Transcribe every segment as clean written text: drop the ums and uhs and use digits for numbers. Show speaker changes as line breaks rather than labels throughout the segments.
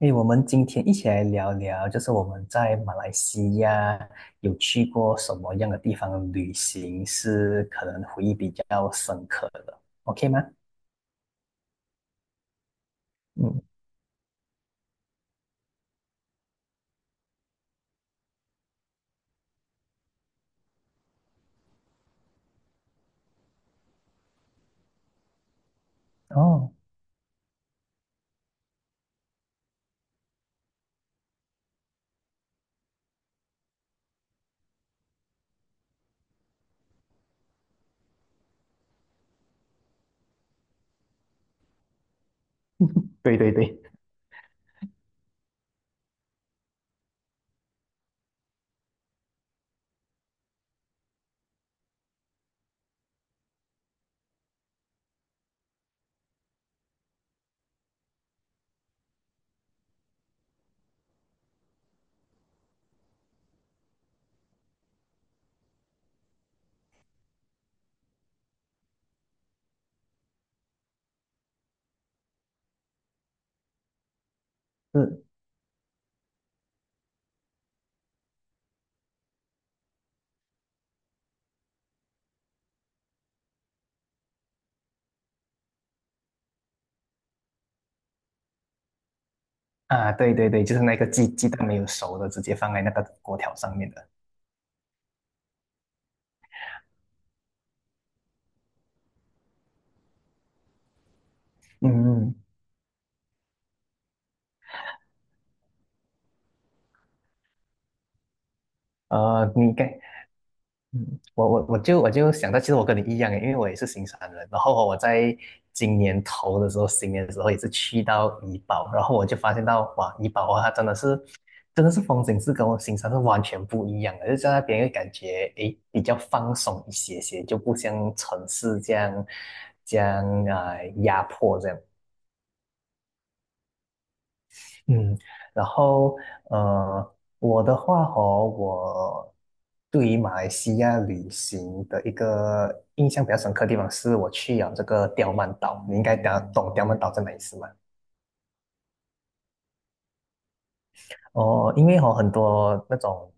诶，我们今天一起来聊聊，就是我们在马来西亚有去过什么样的地方旅行，是可能回忆比较深刻的，OK 吗？嗯，哦，对对对，是啊，对对对，就是那个鸡蛋没有熟的，直接放在那个锅条上面的。嗯嗯，你该嗯，我想到，其实我跟你一样诶，因为我也是新山人。然后我在今年头的时候，新年的时候也是去到怡保，然后我就发现到哇，怡保啊，它真的是风景是跟我新山是完全不一样的，就在那边会感觉诶比较放松一些些，就不像城市这样啊、压迫这样。嗯，然后我的话哦，我对于马来西亚旅行的一个印象比较深刻的地方是，我去了这个刁曼岛。你应该懂刁曼岛在哪里是吗？哦，因为哦，很多那种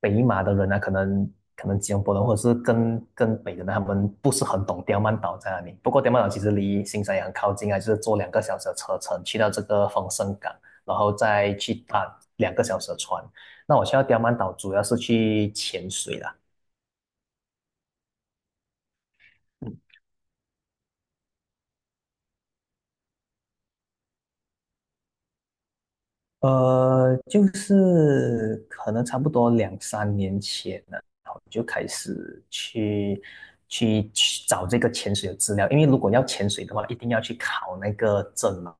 北马的人呢，可能吉隆坡人或者是更北的人，他们不是很懂刁曼岛在哪里。不过刁曼岛其实离新山也很靠近啊，就是坐两个小时的车程去到这个丰盛港，然后再去搭两个小时的船。那我去到刁曼岛主要是去潜水啦。就是可能差不多两三年前呢，然后就开始去找这个潜水的资料，因为如果要潜水的话，一定要去考那个证嘛，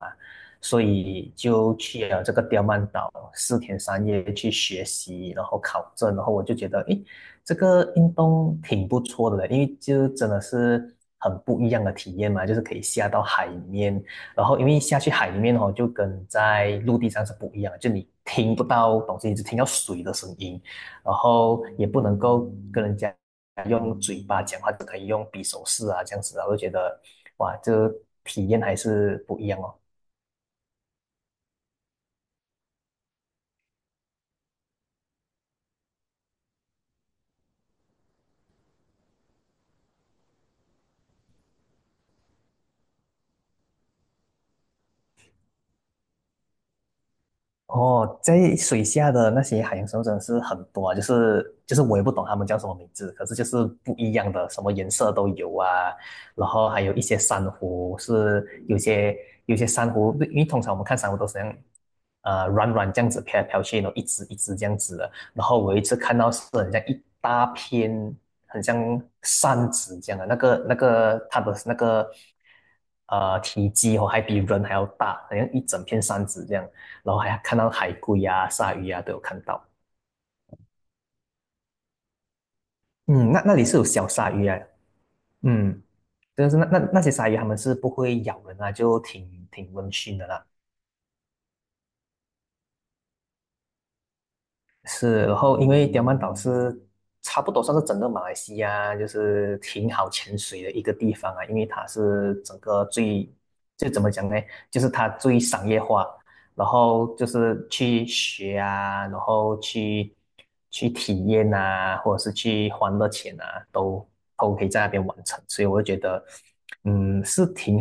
所以就去了这个刁曼岛四天三夜去学习，然后考证，然后我就觉得，诶，这个运动挺不错的嘞，因为就真的是很不一样的体验嘛，就是可以下到海里面，然后因为下去海里面哦，就跟在陆地上是不一样的，就你听不到东西，你只听到水的声音，然后也不能够跟人家用嘴巴讲话，只可以用比手势啊这样子啊，我就觉得哇，这体验还是不一样哦。哦，在水下的那些海洋生物真的是很多啊，就是我也不懂它们叫什么名字，可是就是不一样的，什么颜色都有啊。然后还有一些珊瑚是有些珊瑚，因为通常我们看珊瑚都是这样，软软这样子飘来飘去，然后一只一只这样子的。然后我有一次看到是很像一大片，很像扇子这样的，那个它的那个体积哦，还比人还要大，好像一整片扇子这样。然后还看到海龟啊、鲨鱼啊都有看到。嗯，那里是有小鲨鱼啊，嗯，但是那些鲨鱼它们是不会咬人啊，就挺温驯的啦。是，然后因为刁曼岛是差不多算是整个马来西亚就是挺好潜水的一个地方啊，因为它是整个最，就怎么讲呢，就是它最商业化，然后就是去学啊，然后去体验啊，或者是去欢乐钱啊，都可以在那边完成，所以我就觉得，嗯，是挺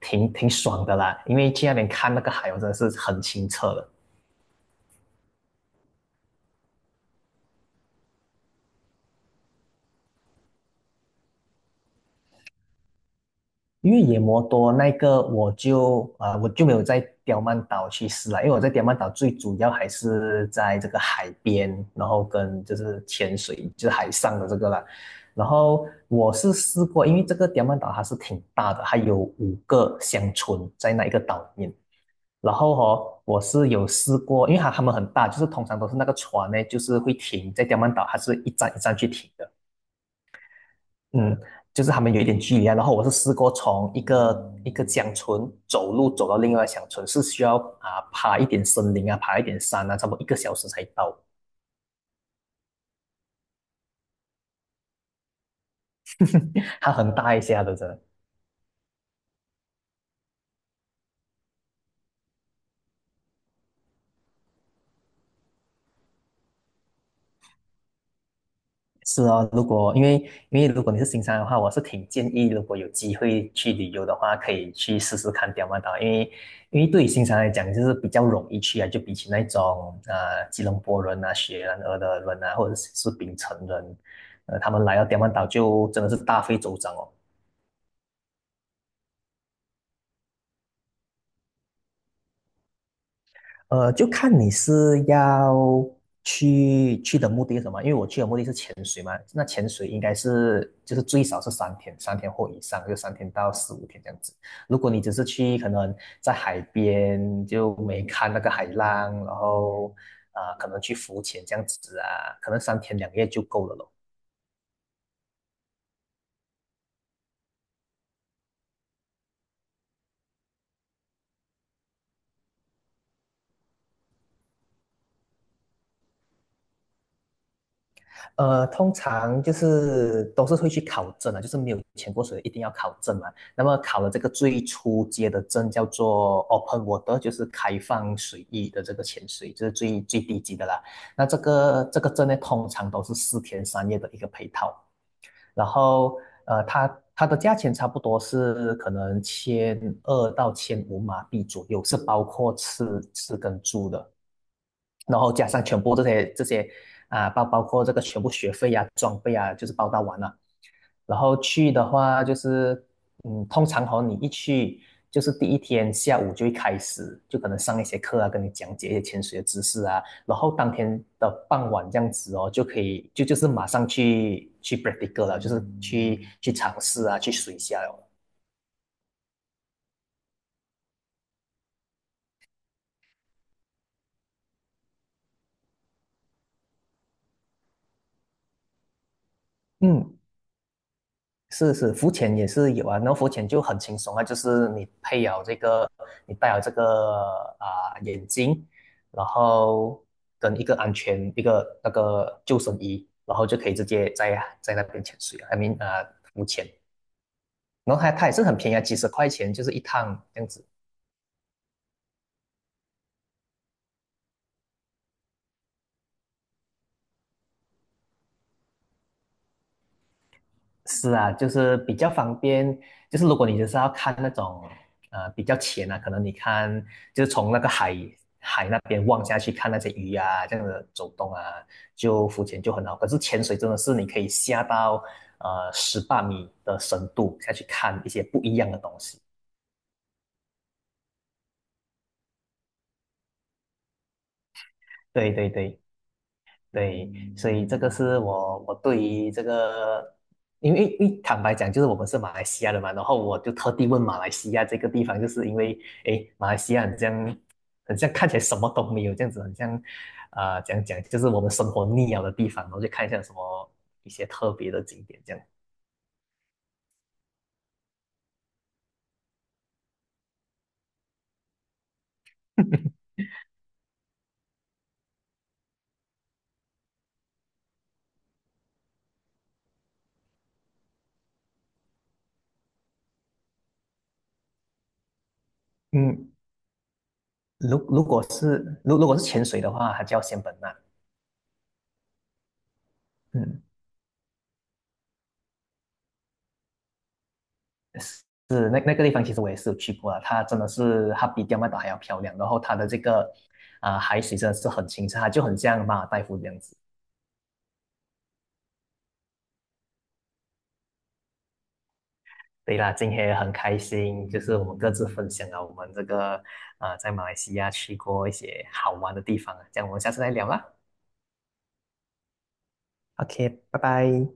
挺挺爽的啦，因为去那边看那个海，我真的是很清澈的。因为野摩多那个我就没有在刁曼岛去试了，因为我在刁曼岛最主要还是在这个海边，然后跟就是潜水，就是海上的这个啦。然后我是试过，因为这个刁曼岛它是挺大的，它有5个乡村在那一个岛里面。然后哦，我是有试过，因为它们很大，就是通常都是那个船呢，就是会停在刁曼岛，它是一站一站去停的。嗯，就是他们有一点距离啊。然后我是试过从一个一个乡村走路走到另外一个乡村，是需要啊爬一点森林啊，爬一点山啊，差不多1个小时才到。它很大一下的，真的是啊，如果因为如果你是新山的话，我是挺建议，如果有机会去旅游的话，可以去试试看刁曼岛，因为对于新山来讲，就是比较容易去啊，就比起那种啊，吉隆坡人啊、雪兰莪的人啊，或者是槟城人，他们来到刁曼岛就真的是大费周章哦。就看你是要去的目的是什么，因为我去的目的是潜水嘛，那潜水应该是就是最少是三天，三天或以上，就三天到四五天这样子。如果你只是去可能在海边就没看那个海浪，然后可能去浮潜这样子啊，可能3天2夜就够了咯。通常就是都是会去考证啊，就是没有潜过水一定要考证嘛。那么考了这个最初阶的证叫做 open water，就是开放水域的这个潜水，就是最低级的啦。那这个证呢，通常都是四天三夜的一个配套，然后它的价钱差不多是可能千二到千五马币左右，是包括吃跟住的。然后加上全部这些啊，包括这个全部学费啊、装备啊，就是包到完了。然后去的话，就是嗯，通常和你一去，就是第一天下午就会开始，就可能上一些课啊，跟你讲解一些潜水的知识啊。然后当天的傍晚这样子哦，就可以就是马上去去 practical 了，就是去尝试啊，去水下哦，嗯，是是，浮潜也是有啊，然后浮潜就很轻松啊，就是你配有这个，你戴有这个啊、眼镜，然后跟一个安全一个那个救生衣，然后就可以直接在那边潜水啊，I mean 啊、浮潜，然后它也是很便宜啊，几十块钱就是一趟这样子。是啊，就是比较方便。就是如果你就是要看那种比较浅啊，可能你看就是从那个海那边望下去看那些鱼啊，这样的走动啊，就浮潜就很好。可是潜水真的是你可以下到18米的深度下去看一些不一样的东西。对对对。对，所以这个是我对于这个，因为坦白讲，就是我们是马来西亚的嘛，然后我就特地问马来西亚这个地方，就是因为诶，马来西亚很像看起来什么都没有这样子，很像啊、讲讲就是我们生活腻了的地方，我就看一下有什么一些特别的景点这样。嗯，如果是潜水的话，它叫仙本那。嗯。是那个地方，其实我也是有去过了。它真的是，它比刁曼岛还要漂亮。然后它的这个啊、海水真的是很清澈，它就很像马尔代夫这样子。对啦，今天也很开心，就是我们各自分享了我们这个啊、在马来西亚去过一些好玩的地方啊。这样我们下次再聊啦。OK，拜拜。